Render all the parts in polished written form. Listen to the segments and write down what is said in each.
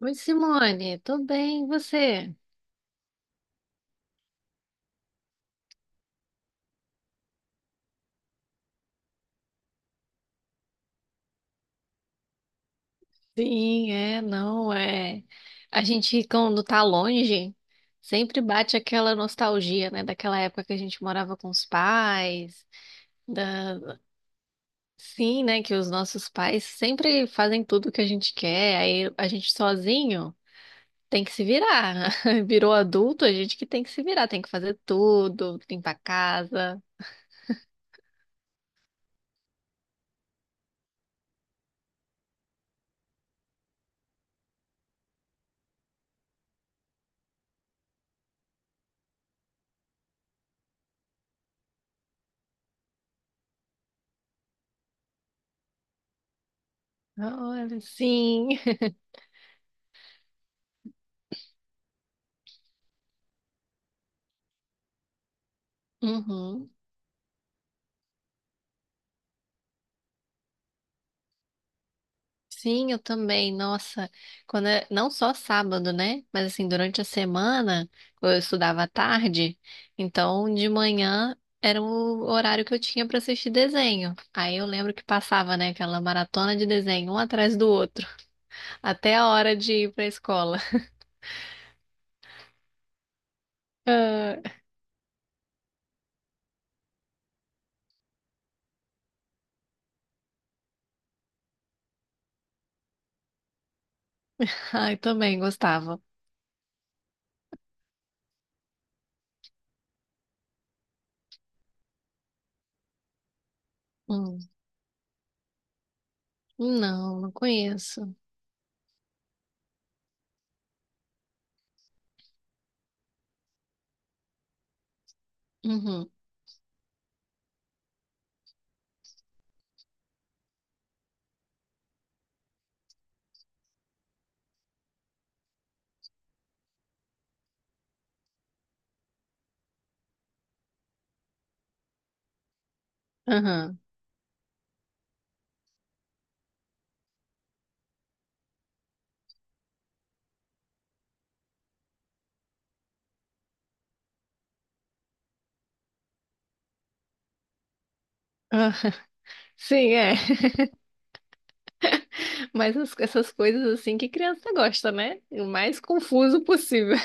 Oi, Simone, tudo bem, e você? Sim, é, não, é. A gente, quando tá longe, sempre bate aquela nostalgia, né? Daquela época que a gente morava com os pais, da... sim, né? Que os nossos pais sempre fazem tudo que a gente quer, aí a gente sozinho tem que se virar. Virou adulto, a gente que tem que se virar, tem que fazer tudo, limpar a casa. Olha, sim. Uhum. Sim, eu também. Nossa, não só sábado, né? Mas assim, durante a semana, eu estudava à tarde, então de manhã era o horário que eu tinha para assistir desenho. Aí eu lembro que passava, né, aquela maratona de desenho, um atrás do outro, até a hora de ir para a escola. Ah, ai, também gostava. Hum, Não, não conheço. Uhum, aham. Ah, sim, é. Mas essas coisas assim que criança gosta, né? O mais confuso possível.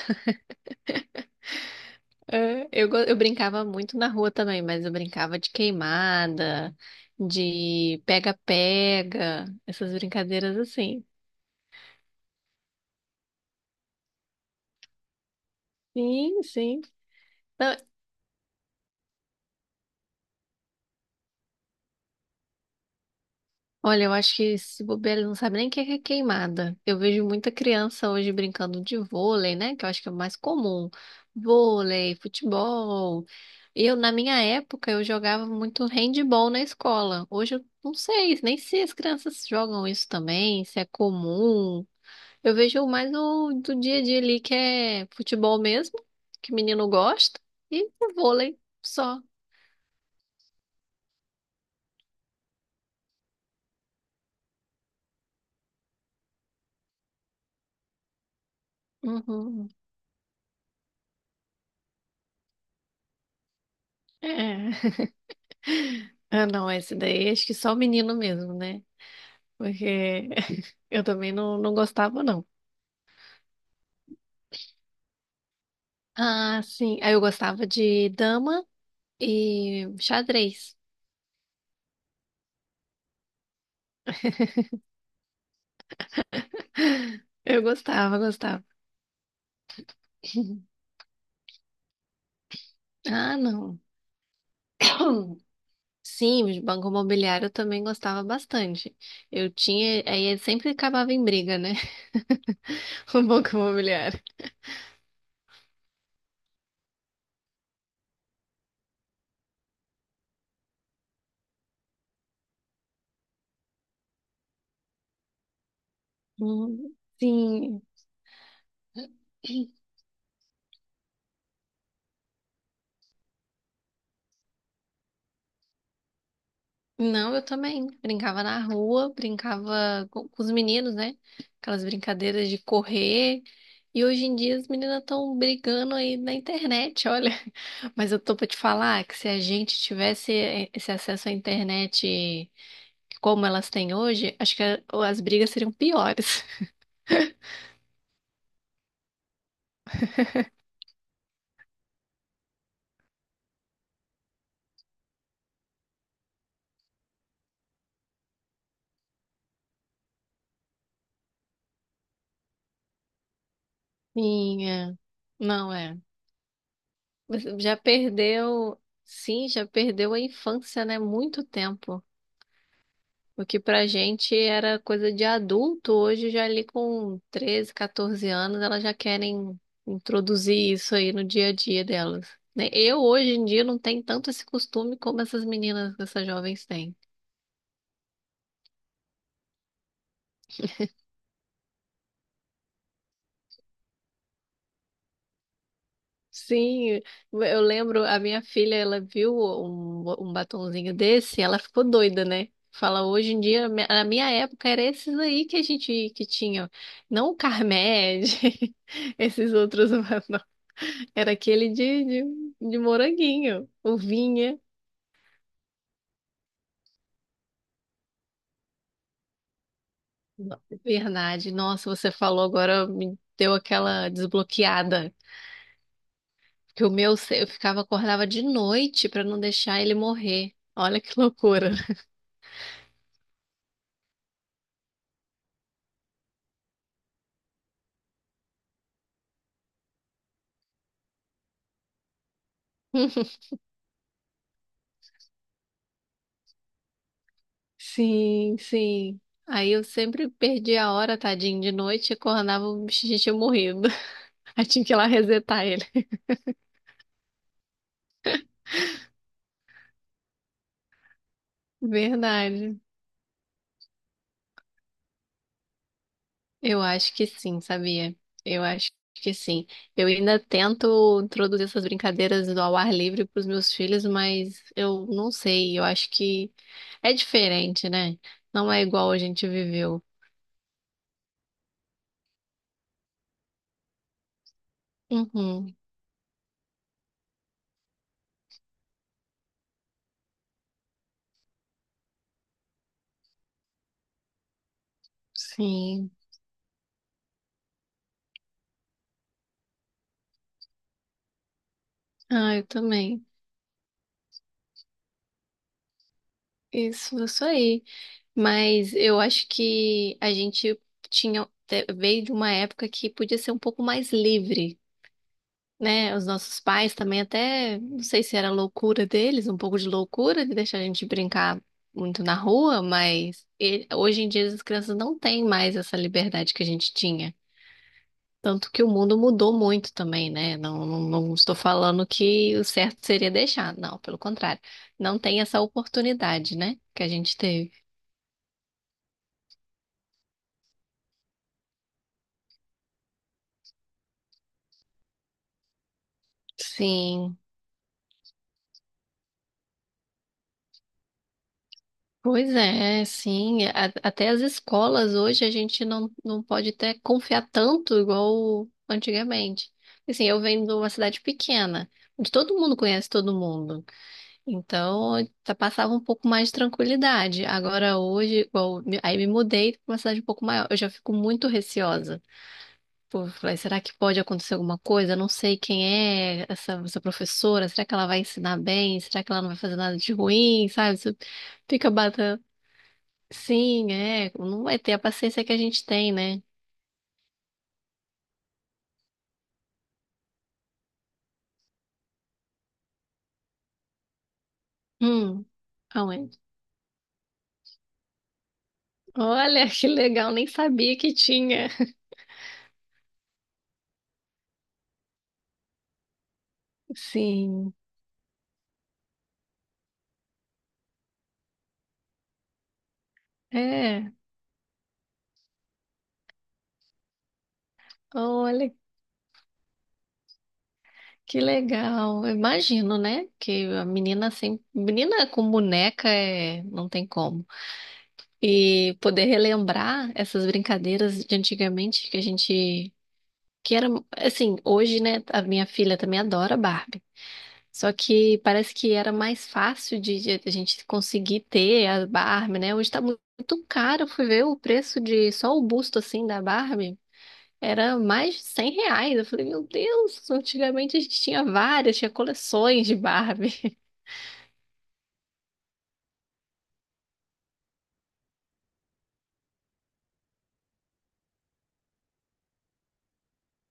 É, eu brincava muito na rua também, mas eu brincava de queimada, de pega-pega, essas brincadeiras assim. Sim, sim. Não, olha, eu acho que se bobear, eles não sabem nem o que é queimada. Eu vejo muita criança hoje brincando de vôlei, né? Que eu acho que é o mais comum. Vôlei, futebol. Na minha época, eu jogava muito handball na escola. Hoje eu não sei, nem se as crianças jogam isso também, se é comum. Eu vejo mais o do dia a dia ali, que é futebol mesmo, que menino gosta, e o vôlei só. Uhum. É. Ah, não, esse daí acho que só o menino mesmo, né? Porque eu também não gostava, não. Ah, sim. Aí eu gostava de dama e xadrez. Eu gostava, gostava. Ah, não. Sim, de banco imobiliário eu também gostava bastante. Aí ele sempre acabava em briga, né? O banco imobiliário. Hum, Sim. Não, eu também. Brincava na rua, brincava com os meninos, né? Aquelas brincadeiras de correr. E hoje em dia as meninas estão brigando aí na internet, olha. Mas eu tô pra te falar que se a gente tivesse esse acesso à internet como elas têm hoje, acho que as brigas seriam piores. Sim, é. Não é. Você já perdeu, sim, já perdeu a infância, né? Muito tempo. O que pra gente era coisa de adulto, hoje já ali com 13, 14 anos, elas já querem introduzir isso aí no dia a dia delas, né? Eu hoje em dia não tenho tanto esse costume como essas meninas, essas jovens têm. Sim, eu lembro, a minha filha, ela viu um batonzinho desse, ela ficou doida, né? Fala, hoje em dia, na minha época, era esses aí que a gente que tinha, não o Carmed, esses outros. Era aquele de moranguinho, o vinha. Verdade. Nossa, você falou agora, me deu aquela desbloqueada. Que o meu, eu ficava, acordava de noite pra não deixar ele morrer. Olha que loucura. Sim, sim. Aí eu sempre perdi a hora, tadinho, de noite, acordava o bichinho tinha morrido. Aí tinha que ir lá resetar ele. Verdade. Eu acho que sim, sabia? Eu acho que sim. Eu ainda tento introduzir essas brincadeiras do ao ar livre para os meus filhos, mas eu não sei. Eu acho que é diferente, né? Não é igual a gente viveu. Uhum, sim. Ah, eu também. Isso aí. Mas eu acho que a gente tinha veio de uma época que podia ser um pouco mais livre, né? Os nossos pais também até, não sei se era loucura deles, um pouco de loucura de deixar a gente brincar muito na rua, mas hoje em dia as crianças não têm mais essa liberdade que a gente tinha. Tanto que o mundo mudou muito também, né? Não, não, não estou falando que o certo seria deixar, não, pelo contrário. Não tem essa oportunidade, né? Que a gente teve. Sim. Pois é, sim. Até as escolas hoje a gente não pode até confiar tanto igual antigamente. Assim, eu venho de uma cidade pequena, onde todo mundo conhece todo mundo. Então, passava um pouco mais de tranquilidade. Agora, hoje, igual, aí me mudei para uma cidade um pouco maior. Eu já fico muito receosa. Pô, falei, será que pode acontecer alguma coisa? Eu não sei quem é essa professora. Será que ela vai ensinar bem? Será que ela não vai fazer nada de ruim? Sabe? Você fica batendo. Sim, é. Não vai ter a paciência que a gente tem, né? Hum, aonde? Olha, que legal, nem sabia que tinha. Sim, é. Olha, que legal. Eu imagino, né? Que a menina sempre. Menina com boneca é, não tem como. E poder relembrar essas brincadeiras de antigamente que a gente. Que era, assim, hoje, né? A minha filha também adora Barbie. Só que parece que era mais fácil de a gente conseguir ter a Barbie, né? Hoje tá muito caro. Eu fui ver o preço de só o busto assim da Barbie. Era mais de R$ 100. Eu falei, meu Deus, antigamente a gente tinha várias, tinha coleções de Barbie.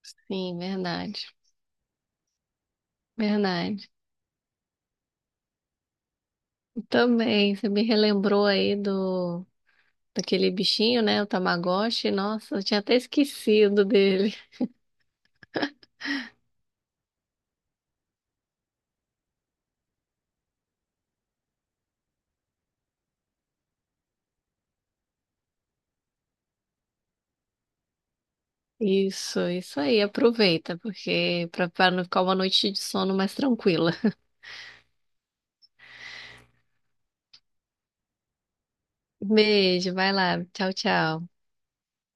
Sim, verdade. Verdade. Também, você me relembrou aí do daquele bichinho, né? O Tamagotchi. Nossa, eu tinha até esquecido dele. Isso aí, aproveita, porque para não ficar uma noite de sono mais tranquila. Beijo, vai lá, tchau, tchau.